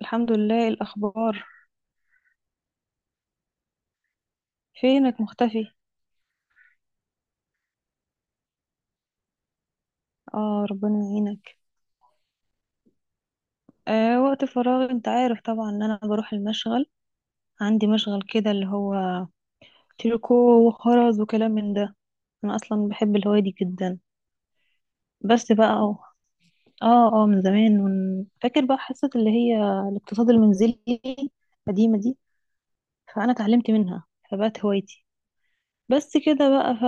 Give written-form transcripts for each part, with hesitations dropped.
الحمد لله، الأخبار؟ فينك مختفي؟ آه، ربنا يعينك. آه، وقت فراغ، أنت عارف طبعا إن أنا بروح المشغل. عندي مشغل كده اللي هو تريكو وخرز وكلام من ده. أنا أصلا بحب الهواية دي جدا. بس بقى من زمان. من... فاكر بقى حصة اللي هي الاقتصاد المنزلي القديمة دي، فأنا اتعلمت منها، فبقت هوايتي. بس كده بقى ف...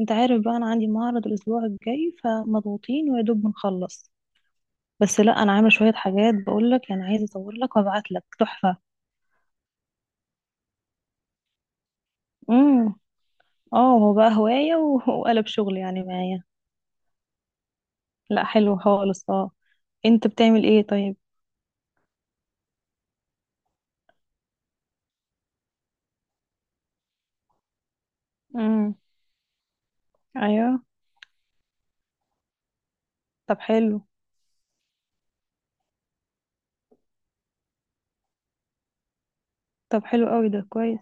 انت عارف بقى انا عندي معرض الاسبوع الجاي فمضغوطين ويا دوب بنخلص. بس لا انا عامله شويه حاجات بقول لك، يعني عايزه اصور لك وابعت لك تحفه. امم. اه، هو بقى هوايه وقلب شغل يعني معايا. لا حلو خالص، اه. انت بتعمل ايه طيب؟ امم. ايوه. طب حلو. طب حلو قوي، ده كويس.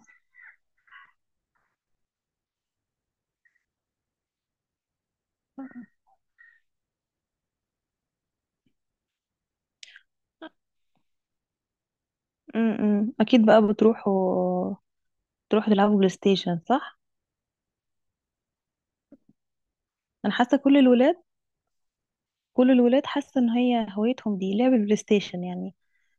امم، اكيد بقى تروحوا تلعبوا بلاي ستيشن، صح؟ انا حاسه كل الولاد حاسه ان هي هوايتهم دي لعب البلاي ستيشن يعني.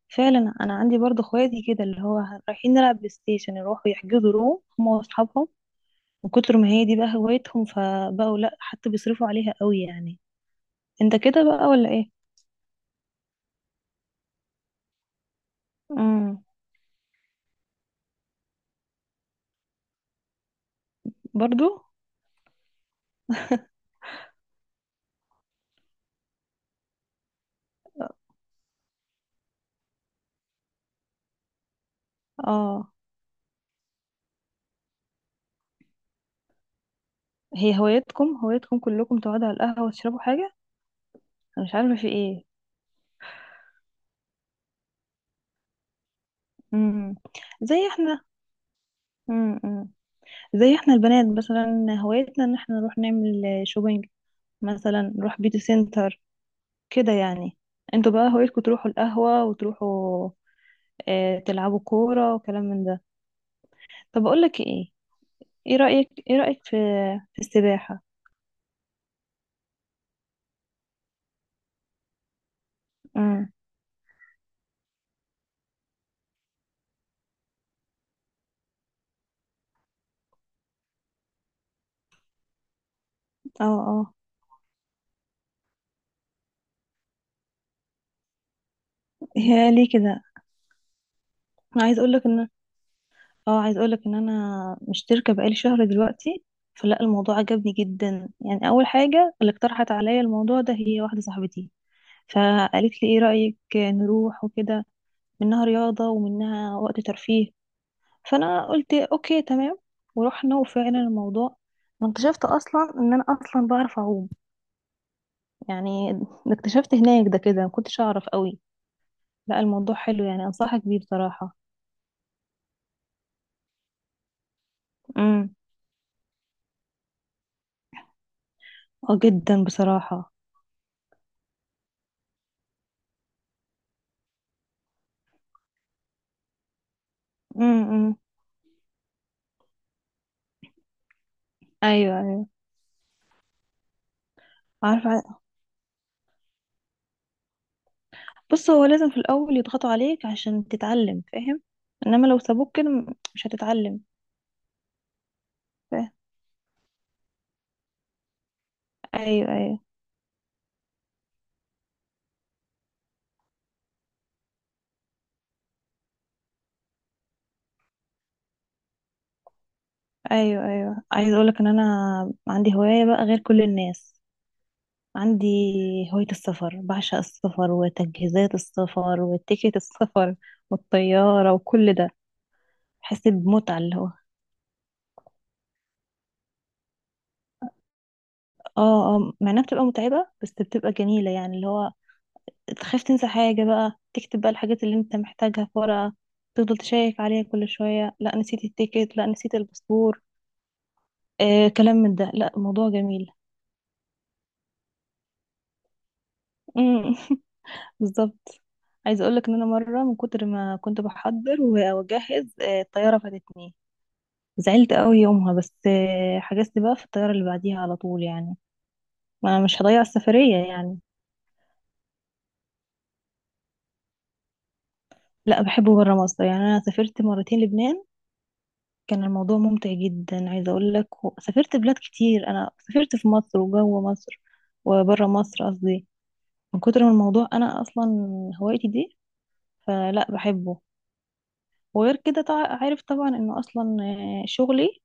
فعلا انا عندي برضه اخواتي كده اللي هو رايحين نلعب بلاي ستيشن، يروحوا يحجزوا روم هم واصحابهم. من كتر ما هي دي بقى هوايتهم، فبقوا لا حتى بيصرفوا عليها قوي يعني. انت كده بقى ولا ايه؟ امم. برضو. اه. هي هوايتكم كلكم تقعدوا على القهوة وتشربوا حاجة؟ انا مش عارفة في ايه. امم. زي احنا. امم. زي احنا البنات مثلا هوايتنا ان احنا نروح نعمل شوبينج، مثلا نروح بيوتي سنتر كده يعني. انتوا بقى هوايتكم تروحوا القهوة وتروحوا اه تلعبوا كورة وكلام من ده. طب اقول لك ايه؟ ايه رأيك في السباحة؟ امم. اه، اه. هي ليه كده؟ انا عايز اقول لك ان اه عايز اقول لك ان انا مشتركه بقالي شهر دلوقتي. فلا الموضوع عجبني جدا يعني. اول حاجه اللي اقترحت عليا الموضوع ده هي واحده صاحبتي، فقالت لي ايه رايك نروح وكده. منها رياضه ومنها وقت ترفيه. فانا قلت اوكي، تمام. ورحنا وفعلا الموضوع، واكتشفت اصلا ان انا اصلا بعرف اعوم يعني. اكتشفت هناك ده كده، ما كنتش اعرف قوي. لا الموضوع حلو يعني، انصحك بيه بصراحه. اه، جدا بصراحة. امم. ايوه، ايوه. عارفة ع- بص، هو لازم في الاول يضغطوا عليك عشان تتعلم، فاهم؟ انما لو سابوك كده مش هتتعلم. فاهم. ايوه، ايوه. ايوه، ايوه، عايزة اقولك ان انا عندي هواية بقى غير كل الناس. عندي هواية السفر، بعشق السفر وتجهيزات السفر وتيكت السفر والطيارة وكل ده. بحس بمتعة اللي هو. اه، اه، مع انها بتبقى متعبة بس بتبقى جميلة يعني اللي هو تخاف تنسى حاجة، بقى تكتب بقى الحاجات اللي انت محتاجها في ورقة، تفضل تشيك عليها كل شوية. لا نسيت التيكت، لا نسيت الباسبور، كلام من ده. لا الموضوع جميل. مم. بالظبط. عايزة اقولك ان انا مرة من كتر ما كنت بحضر واجهز الطيارة فاتتني. زعلت قوي يومها، بس حجزت بقى في الطيارة اللي بعديها على طول يعني. ما انا مش هضيع السفرية يعني. لا بحبه برا مصر يعني. انا سافرت مرتين لبنان، كان الموضوع ممتع جدا، عايزة اقول لك. سافرت بلاد كتير، انا سافرت في مصر وجوه مصر وبره مصر قصدي. من كتر ما الموضوع، انا اصلا هوايتي دي، فلا بحبه. وغير كده، عارف طبعا انه اصلا شغلي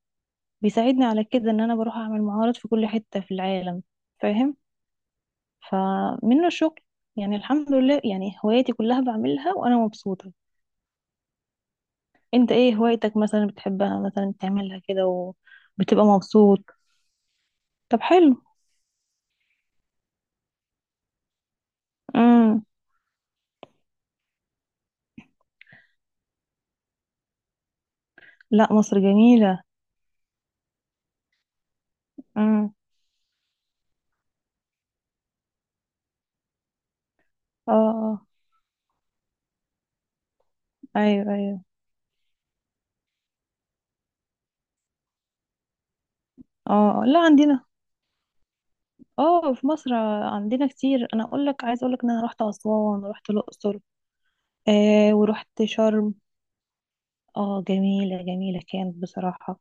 بيساعدني على كده ان انا بروح اعمل معارض في كل حتة في العالم، فاهم؟ فمنه الشغل يعني. الحمد لله، يعني هواياتي كلها بعملها وانا مبسوطة. انت ايه هوايتك مثلا بتحبها مثلا تعملها كده وبتبقى مبسوط؟ طب حلو. لا مصر جميلة. امم. اه، اه. ايوه، ايوه. اه. آه. لا عندنا، اه، في مصر عندنا كتير. انا اقول لك، عايز اقول لك ان انا رحت اسوان ورحت الاقصر ورحت شرم. اه، جميلة جميلة كانت بصراحة.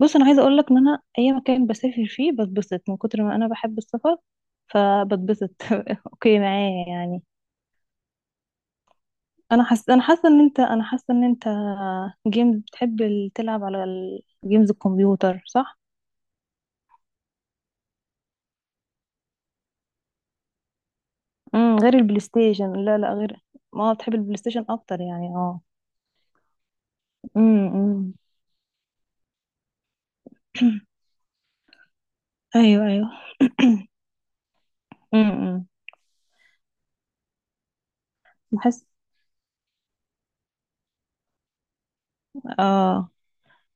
بص، انا عايزة اقول لك ان انا اي مكان بسافر فيه بتبسط من كتر ما انا بحب السفر، فبتبسط. اوكي معايا يعني. انا حاسه ان انت جيمز بتحب تلعب على الجيمز الكمبيوتر، صح؟ امم، غير البلاي ستيشن؟ لا لا، غير. ما بتحب البلاي ستيشن اكتر يعني، اه. امم. أمم. ايوه، ايوه. امم. بحس. اه.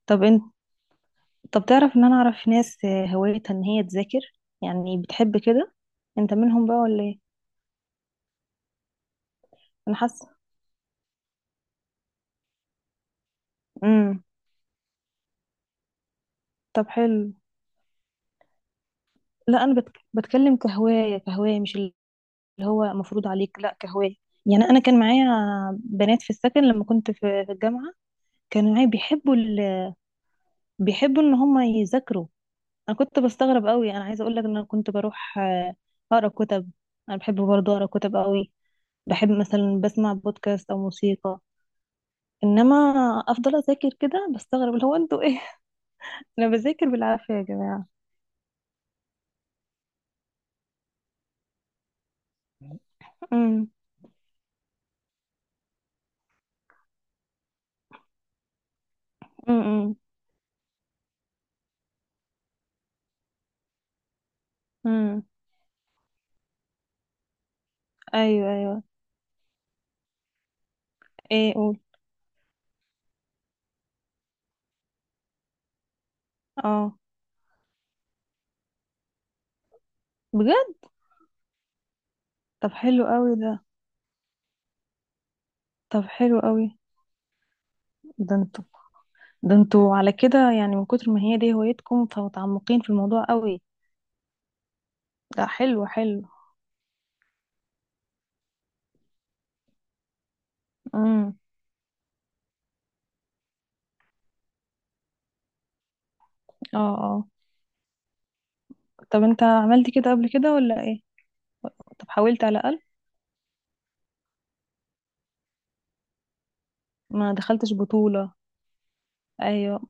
طب انت. طب تعرف ان انا اعرف ناس هوايتها ان هي تذاكر، يعني بتحب كده. انت منهم بقى ولا ايه؟ انا حاسه. امم. طب حلو. لا انا بتكلم كهوايه، كهوايه، مش اللي هو مفروض عليك، لا كهوايه. يعني انا كان معايا بنات في السكن لما كنت في الجامعه. كانوا معايا بيحبوا بيحبوا ان هم يذاكروا. انا كنت بستغرب قوي. انا عايزه اقول لك ان انا كنت بروح اقرا كتب. انا بحب برضه اقرا كتب قوي. بحب مثلا بسمع بودكاست او موسيقى. انما افضل اذاكر كده، بستغرب اللي هو انتوا ايه. انا بذاكر بالعافيه يا جماعه. امم. امم. امم. ايوه، ايوه. ايه، قول. اه، بجد. طب حلو قوي ده. طب حلو قوي. ده انتوا ده انتوا على كده يعني، من كتر ما هي دي هوايتكم فمتعمقين في الموضوع قوي. ده حلو، حلو. امم. اه، اه. طب انت عملت كده قبل كده ولا ايه؟ طب حاولت على الاقل. ما دخلتش بطولة. ايوه.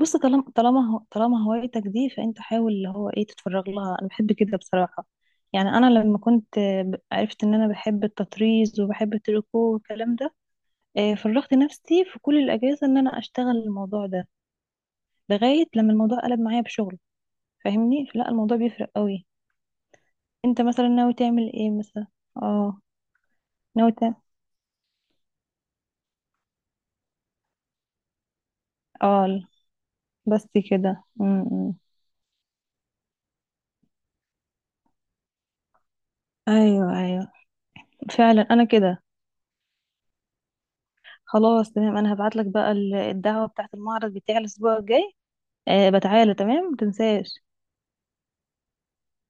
بص، طالما هوايتك دي، فانت حاول اللي هو ايه، تتفرغ لها. انا بحب كده بصراحة. يعني انا لما كنت عرفت ان انا بحب التطريز وبحب التريكو والكلام ده، فرغت نفسي في كل الاجازة ان انا اشتغل الموضوع ده لغاية لما الموضوع قلب معايا بشغل، فاهمني؟ لا الموضوع بيفرق قوي. انت مثلا ناوي تعمل ايه مثلا؟ اه. ناوي تعمل. اه. بس كده. م -م. ايوه، ايوه. فعلا، انا كده. خلاص تمام، انا هبعت لك بقى الدعوة بتاعت المعرض بتاعي الاسبوع الجاي، أه. بتعالى، تمام، متنساش.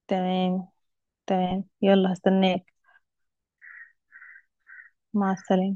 تمام. تمام، يلا، هستناك. مع السلامة.